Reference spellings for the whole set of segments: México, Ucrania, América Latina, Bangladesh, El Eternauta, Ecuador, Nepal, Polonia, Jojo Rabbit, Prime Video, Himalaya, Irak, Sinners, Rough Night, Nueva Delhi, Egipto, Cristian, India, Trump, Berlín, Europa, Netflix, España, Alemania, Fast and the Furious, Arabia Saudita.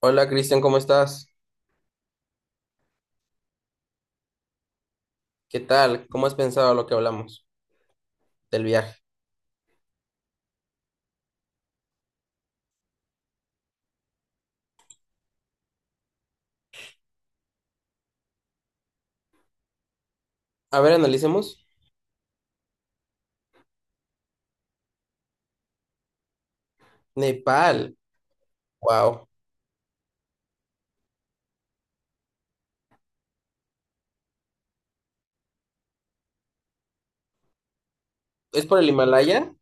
Hola Cristian, ¿cómo estás? ¿Qué tal? ¿Cómo has pensado lo que hablamos del viaje? A ver, analicemos. Nepal, wow. ¿Es por el Himalaya?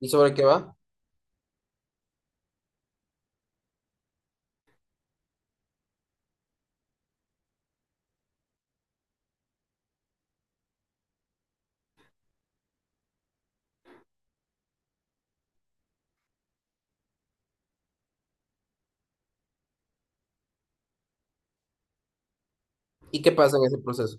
¿Y sobre qué va? ¿Y qué pasa en ese proceso?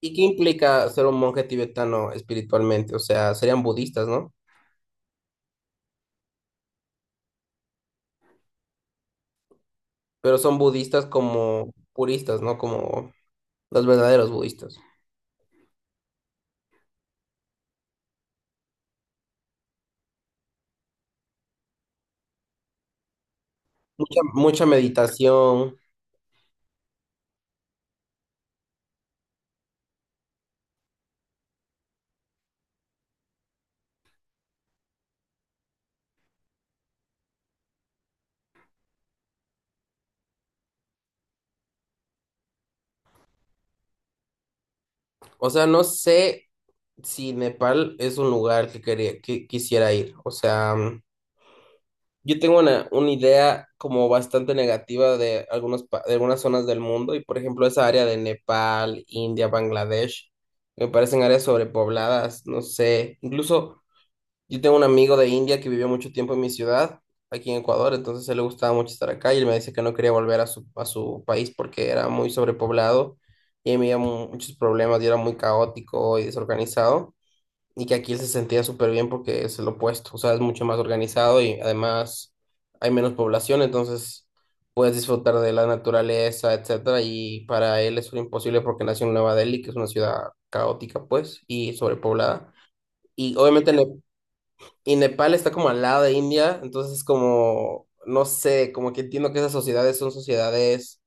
¿Y qué implica ser un monje tibetano espiritualmente? O sea, serían budistas, ¿no? Pero son budistas como puristas, ¿no? Como los verdaderos budistas. Mucha, mucha meditación. O sea, no sé si Nepal es un lugar que quisiera ir. O sea... Yo tengo una idea como bastante negativa de algunos, de algunas zonas del mundo y por ejemplo esa área de Nepal, India, Bangladesh, me parecen áreas sobrepobladas, no sé, incluso yo tengo un amigo de India que vivió mucho tiempo en mi ciudad, aquí en Ecuador, entonces a él le gustaba mucho estar acá y él me dice que no quería volver a su país porque era muy sobrepoblado y ahí me había muchos problemas y era muy caótico y desorganizado y que aquí él se sentía súper bien porque es el opuesto, o sea, es mucho más organizado y además hay menos población, entonces puedes disfrutar de la naturaleza, etcétera, y para él eso era imposible porque nació en Nueva Delhi, que es una ciudad caótica, pues, y sobrepoblada. Y obviamente Nepal está como al lado de India, entonces es como, no sé, como que entiendo que esas sociedades son sociedades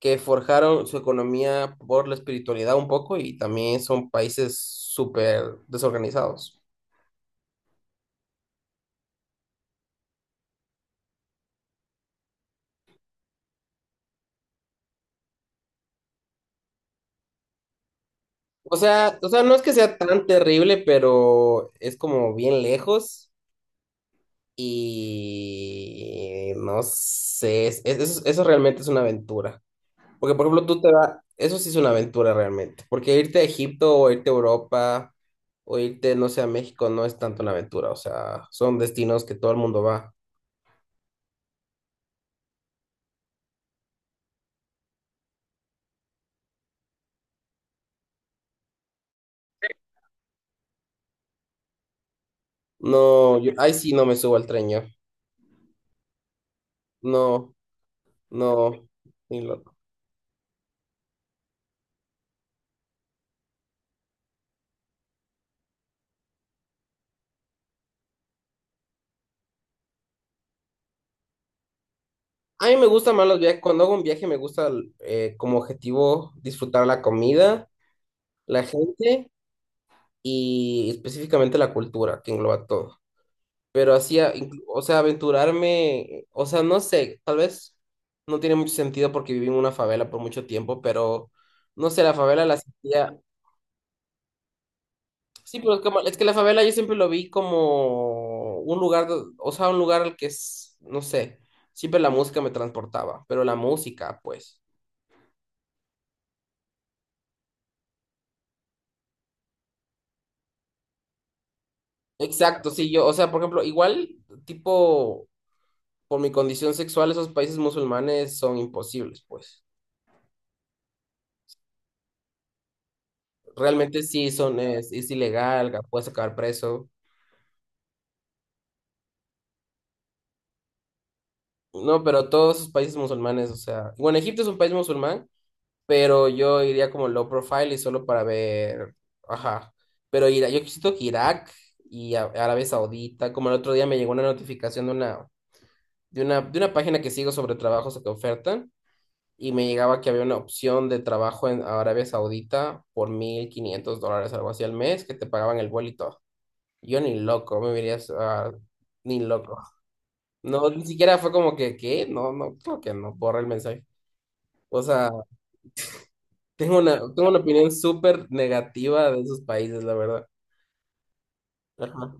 que forjaron su economía por la espiritualidad un poco y también son países súper desorganizados. O sea, no es que sea tan terrible, pero es como bien lejos y no sé, eso, eso realmente es una aventura. Porque, por ejemplo, tú te vas, eso sí es una aventura realmente, porque irte a Egipto o irte a Europa o irte, no sé, a México no es tanto una aventura, o sea, son destinos que todo el mundo va. No, yo, ahí sí no me subo al tren yo. No, no, ni lo... A mí me gusta más los viajes. Cuando hago un viaje me gusta como objetivo disfrutar la comida, la gente y específicamente la cultura que engloba todo. Pero así, o sea, aventurarme, o sea, no sé, tal vez no tiene mucho sentido porque viví en una favela por mucho tiempo, pero no sé, la favela la sentía... Sí, pero es como... es que la favela yo siempre lo vi como un lugar, o sea, un lugar al que es, no sé, siempre la música me transportaba, pero la música, pues. Exacto, sí, yo, o sea, por ejemplo, igual, tipo, por mi condición sexual, esos países musulmanes son imposibles, pues. Realmente sí son, es ilegal, puedes acabar preso. No, pero todos esos países musulmanes, o sea, bueno, Egipto es un país musulmán, pero yo iría como low profile y solo para ver, ajá. Pero yo siento que Irak y Arabia Saudita, como el otro día me llegó una notificación de una página que sigo sobre trabajos que ofertan. Y me llegaba que había una opción de trabajo en Arabia Saudita por $1,500, algo así al mes, que te pagaban el vuelo y todo. Yo ni loco, me dirías, ah, ni loco. No, ni siquiera fue como que, ¿qué? No, no, creo que no, borra el mensaje. O sea, tengo una opinión súper negativa de esos países, la verdad. Ajá.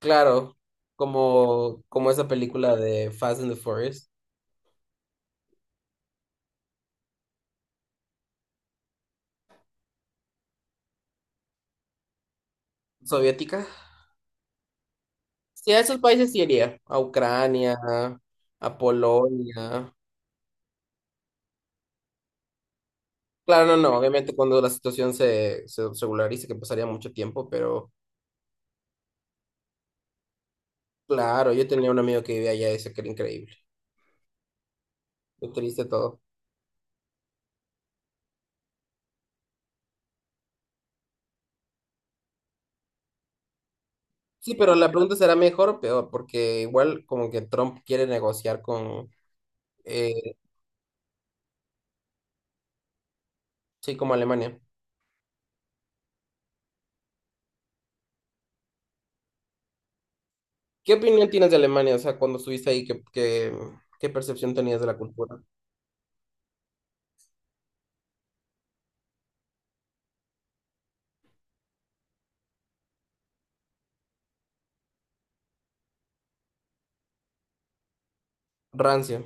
Claro, como esa película de Fast and the Furious, soviética. Sí, a esos países sí iría, a Ucrania, a Polonia. Claro, no, no, obviamente cuando la situación se regularice, que pasaría mucho tiempo, pero claro, yo tenía un amigo que vivía allá y decía que era increíble, lo triste todo. Sí, pero la pregunta será mejor o peor, porque igual como que Trump quiere negociar con, eh, sí, como Alemania. ¿Qué opinión tienes de Alemania? O sea, cuando estuviste ahí, ¿qué percepción tenías de la cultura? Rancio.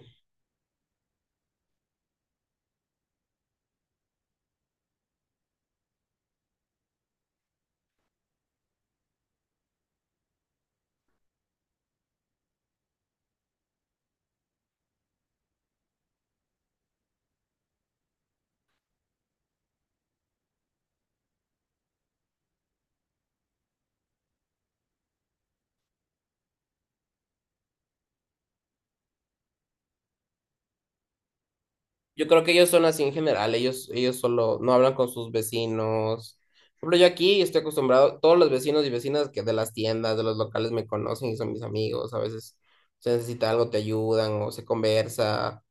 Yo creo que ellos son así en general, ellos solo no hablan con sus vecinos. Por ejemplo, yo aquí estoy acostumbrado, todos los vecinos y vecinas que de las tiendas, de los locales me conocen y son mis amigos, a veces se necesita algo, te ayudan o se conversa.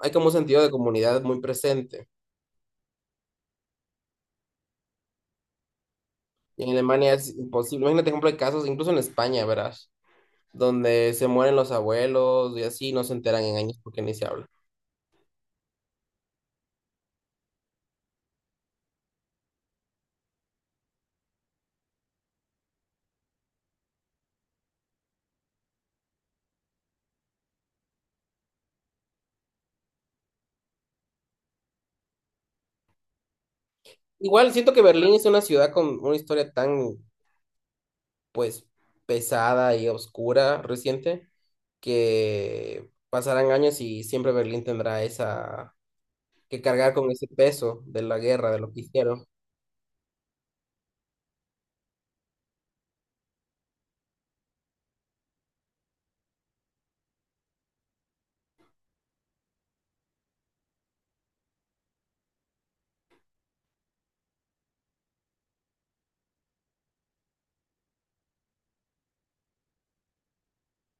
Hay como un sentido de comunidad muy presente. Y en Alemania es imposible. Imagínate, por ejemplo, hay casos, incluso en España, verás, donde se mueren los abuelos y así no se enteran en años porque ni se habla. Igual siento que Berlín es una ciudad con una historia tan pues pesada y oscura reciente, que pasarán años y siempre Berlín tendrá esa que cargar con ese peso de la guerra, de lo que hicieron.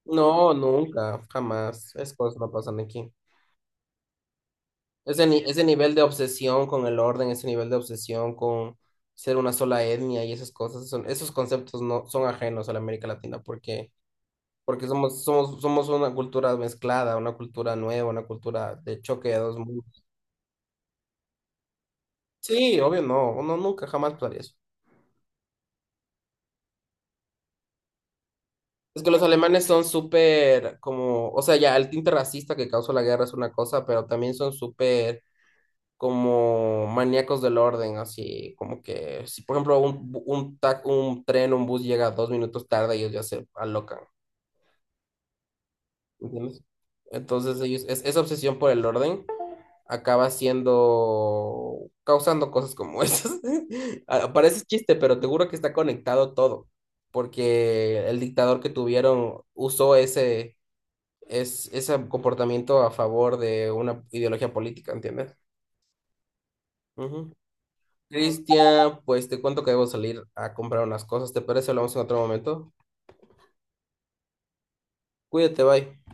No, nunca, jamás. Es cosas no pasan aquí. Ese, ni- ese nivel de obsesión con el orden, ese nivel de obsesión con ser una sola etnia y esas cosas, son, esos conceptos no son ajenos a la América Latina porque, porque somos, somos una cultura mezclada, una cultura nueva, una cultura de choque de dos mundos. Sí, obvio, no, uno nunca jamás pasaría eso. Es que los alemanes son súper como, o sea, ya el tinte racista que causó la guerra es una cosa, pero también son súper como maníacos del orden, así como que si por ejemplo un tren, un bus llega 2 minutos tarde, ellos ya se alocan, ¿entiendes? Entonces ellos, es, esa obsesión por el orden acaba siendo, causando cosas como esas. Ah, parece chiste, pero te juro que está conectado todo, porque el dictador que tuvieron usó ese, es, ese comportamiento a favor de una ideología política, ¿entiendes? Ujú. Cristian, pues te cuento que debo salir a comprar unas cosas, ¿te parece? Hablamos en otro momento. Cuídate, bye.